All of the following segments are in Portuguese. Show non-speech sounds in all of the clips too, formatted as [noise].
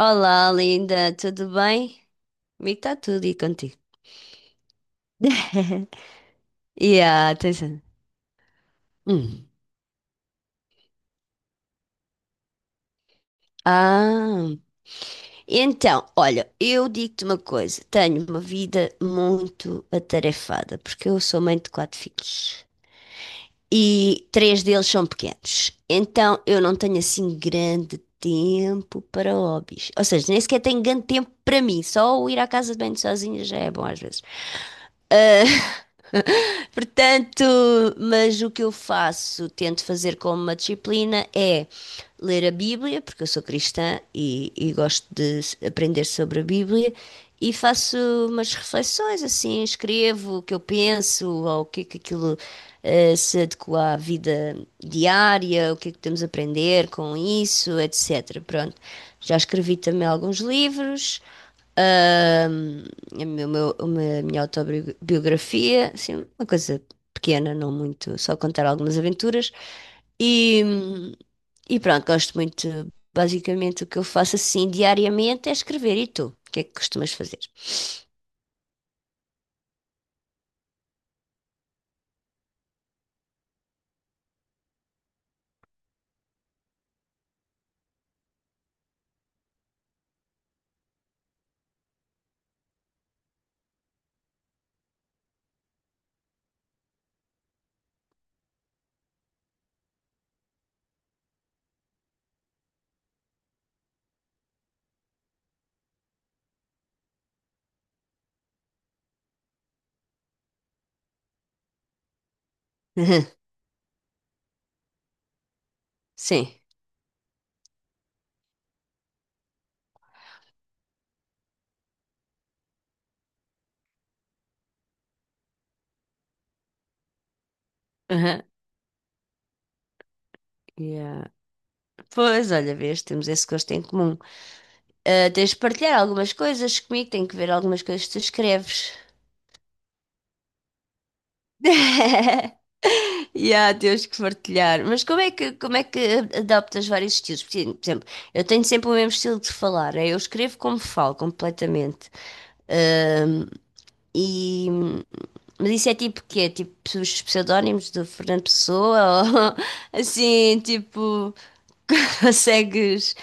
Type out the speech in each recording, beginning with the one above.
Olá, linda, tudo bem? Comigo está tudo e contigo. [laughs] Yeah, tens... atenção. Hum. Ah, então, olha, eu digo-te uma coisa, tenho uma vida muito atarefada, porque eu sou mãe de quatro filhos e três deles são pequenos, então eu não tenho assim grande tempo para hobbies, ou seja, nem sequer tenho grande tempo para mim, só o ir à casa de banho sozinha já é bom às vezes. Portanto, mas o que eu faço, tento fazer como uma disciplina, é ler a Bíblia, porque eu sou cristã e gosto de aprender sobre a Bíblia, e faço umas reflexões assim, escrevo o que eu penso, ou o que é que aquilo se adequa à vida diária, o que é que temos a aprender com isso, etc. Pronto. Já escrevi também alguns livros. ahm, a minha autobiografia, assim, uma coisa pequena, não muito, só contar algumas aventuras. E, e pronto, gosto muito. Basicamente, o que eu faço assim diariamente é escrever. E tu? O que é que costumas fazer? [laughs] Aham. Sim. Aham, yeah. Pois, olha, vês, temos esse gosto em comum. Ah, tens de partilhar algumas coisas comigo, tenho que ver algumas coisas que tu escreves. [laughs] E há, temos que partilhar. Mas como é que adaptas vários estilos? Porque, por exemplo, eu tenho sempre o mesmo estilo de falar. Eu escrevo como falo, completamente. Ahm, e, mas isso é tipo quê? Tipo os pseudónimos do Fernando Pessoa? Ou [laughs] assim, tipo, [laughs] consegues?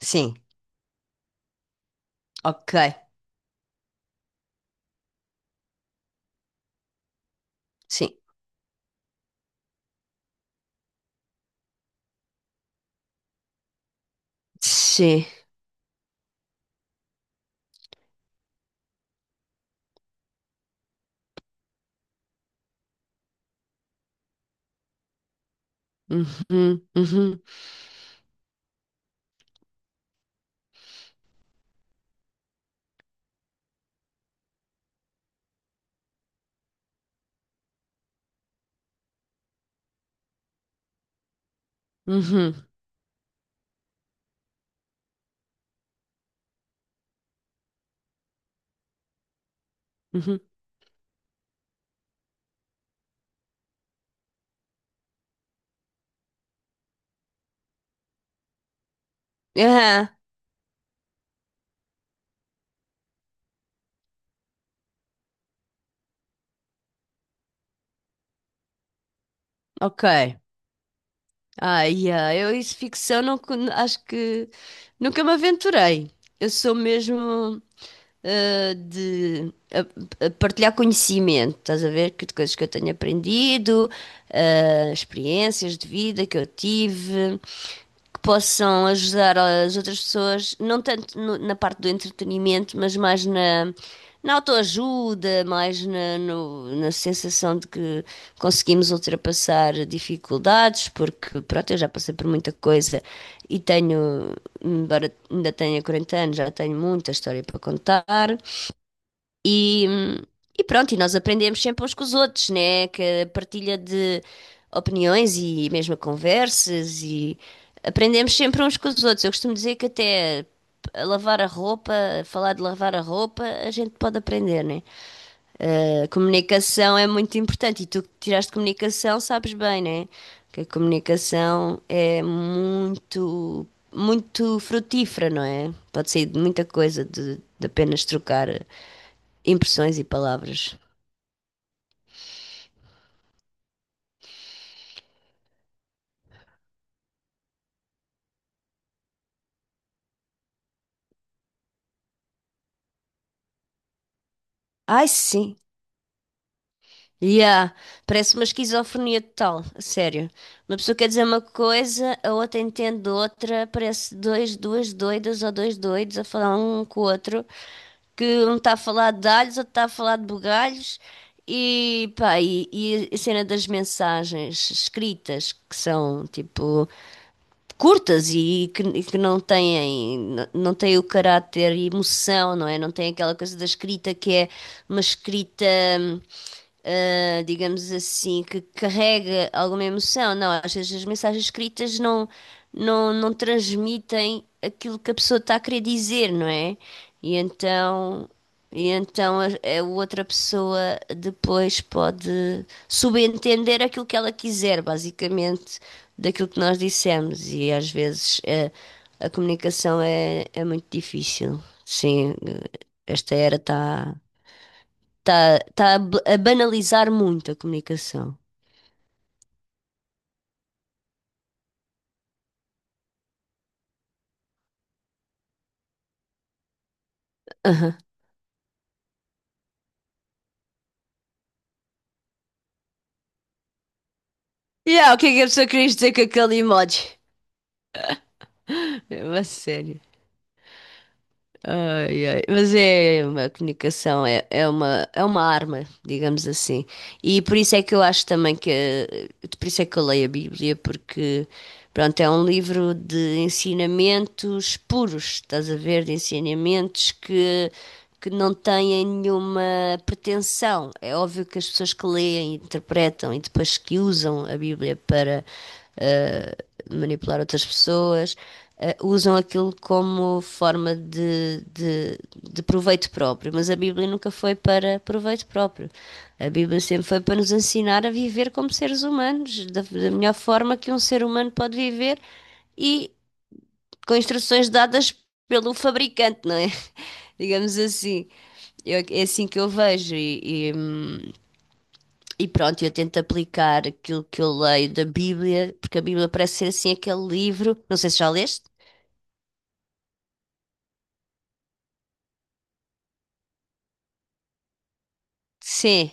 Sim, ok. Sim. Sim. Uhum, uhum, uhum, uhum. Aham, ok. Ah, yeah, eu isso ficção não, acho que nunca me aventurei. Eu sou mesmo de a partilhar conhecimento, estás a ver? Que de coisas que eu tenho aprendido, experiências de vida que eu tive, que possam ajudar as outras pessoas, não tanto na parte do entretenimento, mas mais na, na autoajuda, mais na, na sensação de que conseguimos ultrapassar dificuldades, porque pronto, eu já passei por muita coisa e tenho embora ainda tenha 40 anos, já tenho muita história para contar. E, e pronto, e nós aprendemos sempre uns com os outros, né? Que a partilha de opiniões e mesmo conversas e aprendemos sempre uns com os outros. Eu costumo dizer que até a lavar a roupa, a falar de lavar a roupa, a gente pode aprender, né? A comunicação é muito importante e tu que tiraste comunicação sabes bem, né? Que a comunicação é muito frutífera, não é? Pode sair de muita coisa de apenas trocar impressões e palavras. Ai, sim. Yeah, parece uma esquizofrenia total, a sério. Uma pessoa quer dizer uma coisa, a outra entende outra, parece dois, duas doidas ou dois doidos a falar um com o outro, que um está a falar de alhos, outro está a falar de bugalhos, e pá, e a cena das mensagens escritas, que são tipo curtas e que não têm, não têm o caráter e emoção, não é? Não tem aquela coisa da escrita que é uma escrita, hum, digamos assim, que carrega alguma emoção. Não, às vezes as mensagens escritas não transmitem aquilo que a pessoa está a querer dizer, não é? E então. E então a outra pessoa depois pode subentender aquilo que ela quiser, basicamente daquilo que nós dissemos e às vezes a comunicação é muito difícil. Sim, esta era está a banalizar muito a comunicação. Aham. Yeah, o que é que a pessoa queria dizer com aquele emoji? [laughs] É uma sério. Ai, ai. Mas é uma comunicação, é uma arma, digamos assim. E por isso é que eu acho também que, por isso é que eu leio a Bíblia, porque, pronto, é um livro de ensinamentos puros, estás a ver, de ensinamentos que não têm nenhuma pretensão. É óbvio que as pessoas que leem, interpretam e depois que usam a Bíblia para eh, manipular outras pessoas, usam aquilo como forma de proveito próprio, mas a Bíblia nunca foi para proveito próprio. A Bíblia sempre foi para nos ensinar a viver como seres humanos, da melhor forma que um ser humano pode viver e com instruções dadas pelo fabricante, não é? [laughs] Digamos assim. É assim que eu vejo e pronto, eu tento aplicar aquilo que eu leio da Bíblia, porque a Bíblia parece ser assim aquele livro, não sei se já leste. Sim,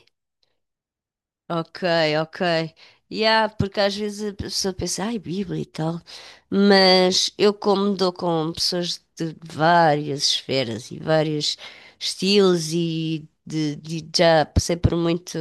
ok, ok. E porque às vezes a pessoa pensa, ai, Bíblia e tal, mas eu como dou com pessoas de várias esferas e vários estilos e de, já passei por muito,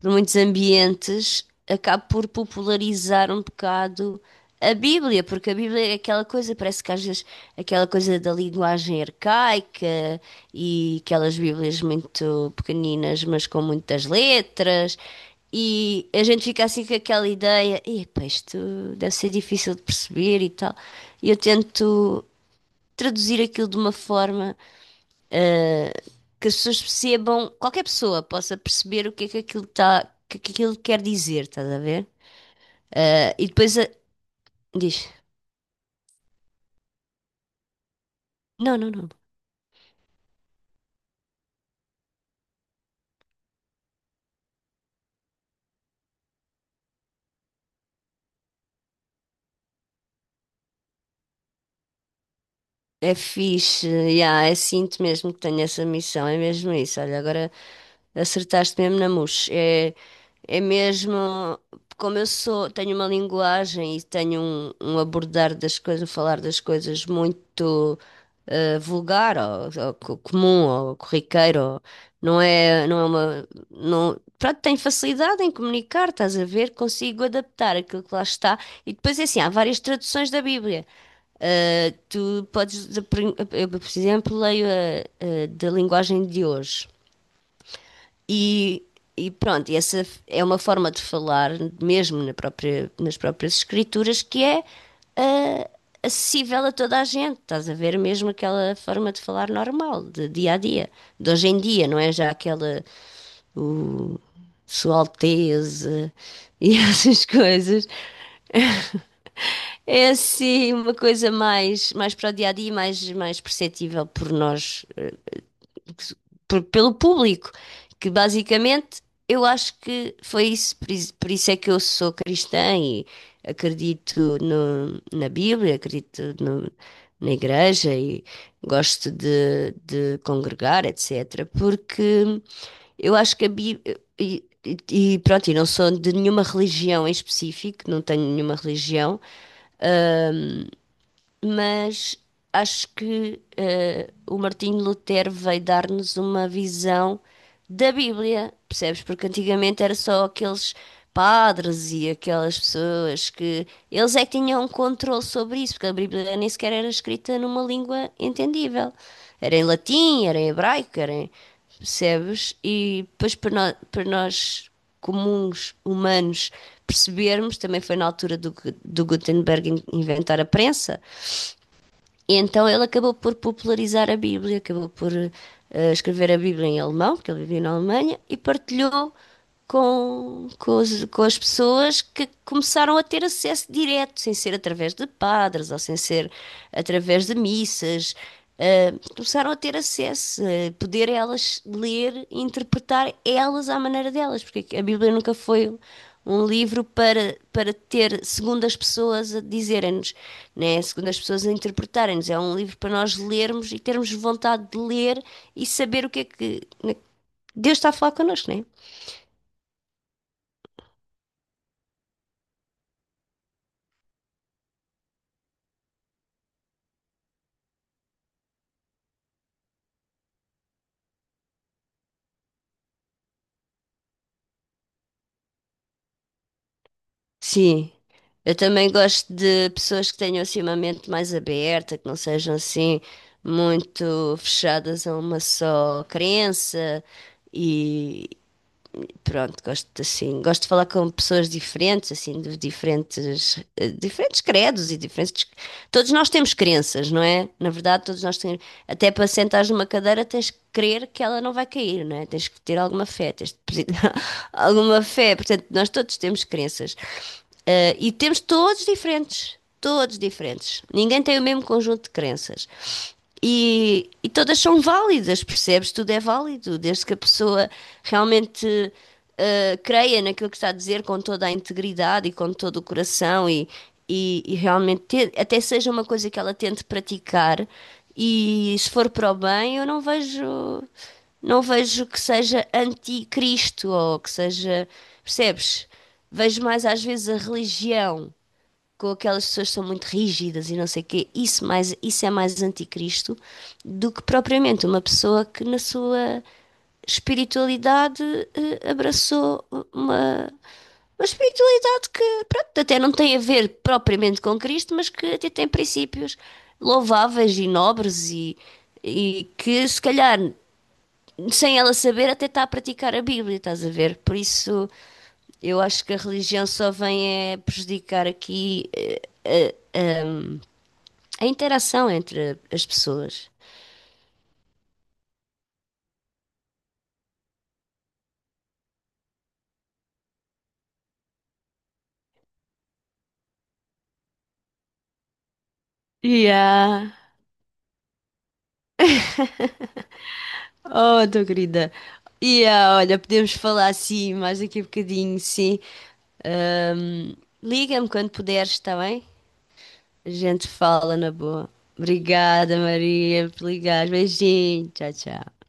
por muitos ambientes, acabo por popularizar um bocado a Bíblia, porque a Bíblia é aquela coisa, parece que às vezes aquela coisa da linguagem arcaica e aquelas Bíblias muito pequeninas, mas com muitas letras. E a gente fica assim com aquela ideia, epá, isto deve ser difícil de perceber e tal. E eu tento traduzir aquilo de uma forma ah, que as pessoas percebam, qualquer pessoa possa perceber o que é que aquilo tá, que aquilo quer dizer, estás a ver? Ah, e depois diz, não, não, não. É fixe, yeah, é sinto mesmo que tenho essa missão, é mesmo isso. Olha, agora acertaste mesmo na mousse. É, é mesmo, como eu sou, tenho uma linguagem e tenho um abordar das coisas, um falar das coisas muito vulgar, ou comum, ou corriqueiro, ou- não é, não é uma, não, pronto, tenho facilidade em comunicar, estás a ver? Consigo adaptar aquilo que lá está. E depois é assim, há várias traduções da Bíblia. Eh, tu podes, eu, por exemplo, leio a da linguagem de hoje. E, e pronto, e essa é uma forma de falar, mesmo na própria, nas próprias escrituras, que é ah, acessível a toda a gente. Estás a ver mesmo aquela forma de falar normal, de dia a dia, de hoje em dia, não é já aquela o, Sua Alteza e [laughs] essas coisas. É assim uma coisa mais, mais para o dia a dia, mais, mais perceptível por nós, pelo público, que basicamente eu acho que foi isso, por isso é que eu sou cristã e acredito na Bíblia, acredito na igreja e gosto de congregar, etc. Porque eu acho que a Bíblia. E pronto, e não sou de nenhuma religião em específico, não tenho nenhuma religião, mas acho que o Martinho Lutero veio dar-nos uma visão da Bíblia, percebes? Porque antigamente era só aqueles padres e aquelas pessoas que eles é que tinham um controle sobre isso, porque a Bíblia nem sequer era escrita numa língua entendível. Era em latim, era em hebraico, era em, percebes? E depois para nós comuns humanos percebermos, também foi na altura do, do Gutenberg inventar a prensa, e então ele acabou por popularizar a Bíblia, acabou por escrever a Bíblia em alemão, porque ele vivia na Alemanha, e partilhou com as pessoas que começaram a ter acesso direto, sem ser através de padres ou sem ser através de missas. Eh, começaram a ter acesso, a poder elas ler e interpretar elas à maneira delas, porque a Bíblia nunca foi um livro para, para ter, segundo as pessoas, a dizerem-nos, né? Segundo as pessoas a interpretarem-nos. É um livro para nós lermos e termos vontade de ler e saber o que é que, né? Deus está a falar connosco, né? Sim. Eu também gosto de pessoas que tenham assim uma mente mais aberta, que não sejam assim muito fechadas a uma só crença e, pronto, gosto assim, gosto de falar com pessoas diferentes, assim, de diferentes, diferentes credos e diferentes. Todos nós temos crenças, não é? Na verdade, todos nós temos. Até para sentares numa cadeira tens que crer que ela não vai cair, não é? Tens que ter alguma fé, tens de [laughs] alguma fé. Portanto, nós todos temos crenças. E temos todos diferentes, todos diferentes. Ninguém tem o mesmo conjunto de crenças. E todas são válidas, percebes? Tudo é válido, desde que a pessoa realmente creia naquilo que está a dizer com toda a integridade e com todo o coração e realmente te, até seja uma coisa que ela tente praticar. E se for para o bem, eu não vejo não vejo que seja anticristo ou que seja, percebes? Vejo mais às vezes a religião, com aquelas pessoas que são muito rígidas e não sei o quê, isso, mais, isso é mais anticristo do que propriamente uma pessoa que na sua espiritualidade abraçou uma, uma espiritualidade que, pronto, até não tem a ver propriamente com Cristo, mas que até tem princípios louváveis e nobres e que se calhar sem ela saber, até está a praticar a Bíblia, estás a ver? Por isso, eu acho que a religião só vem é prejudicar aqui a interação entre as pessoas. Yeah. Oh, tô querida. Yeah, olha, podemos falar assim mais daqui a bocadinho, sim. Ahm, liga-me quando puderes, está bem? A gente fala na boa. Obrigada, Maria, por ligar. Beijinho. Tchau, tchau.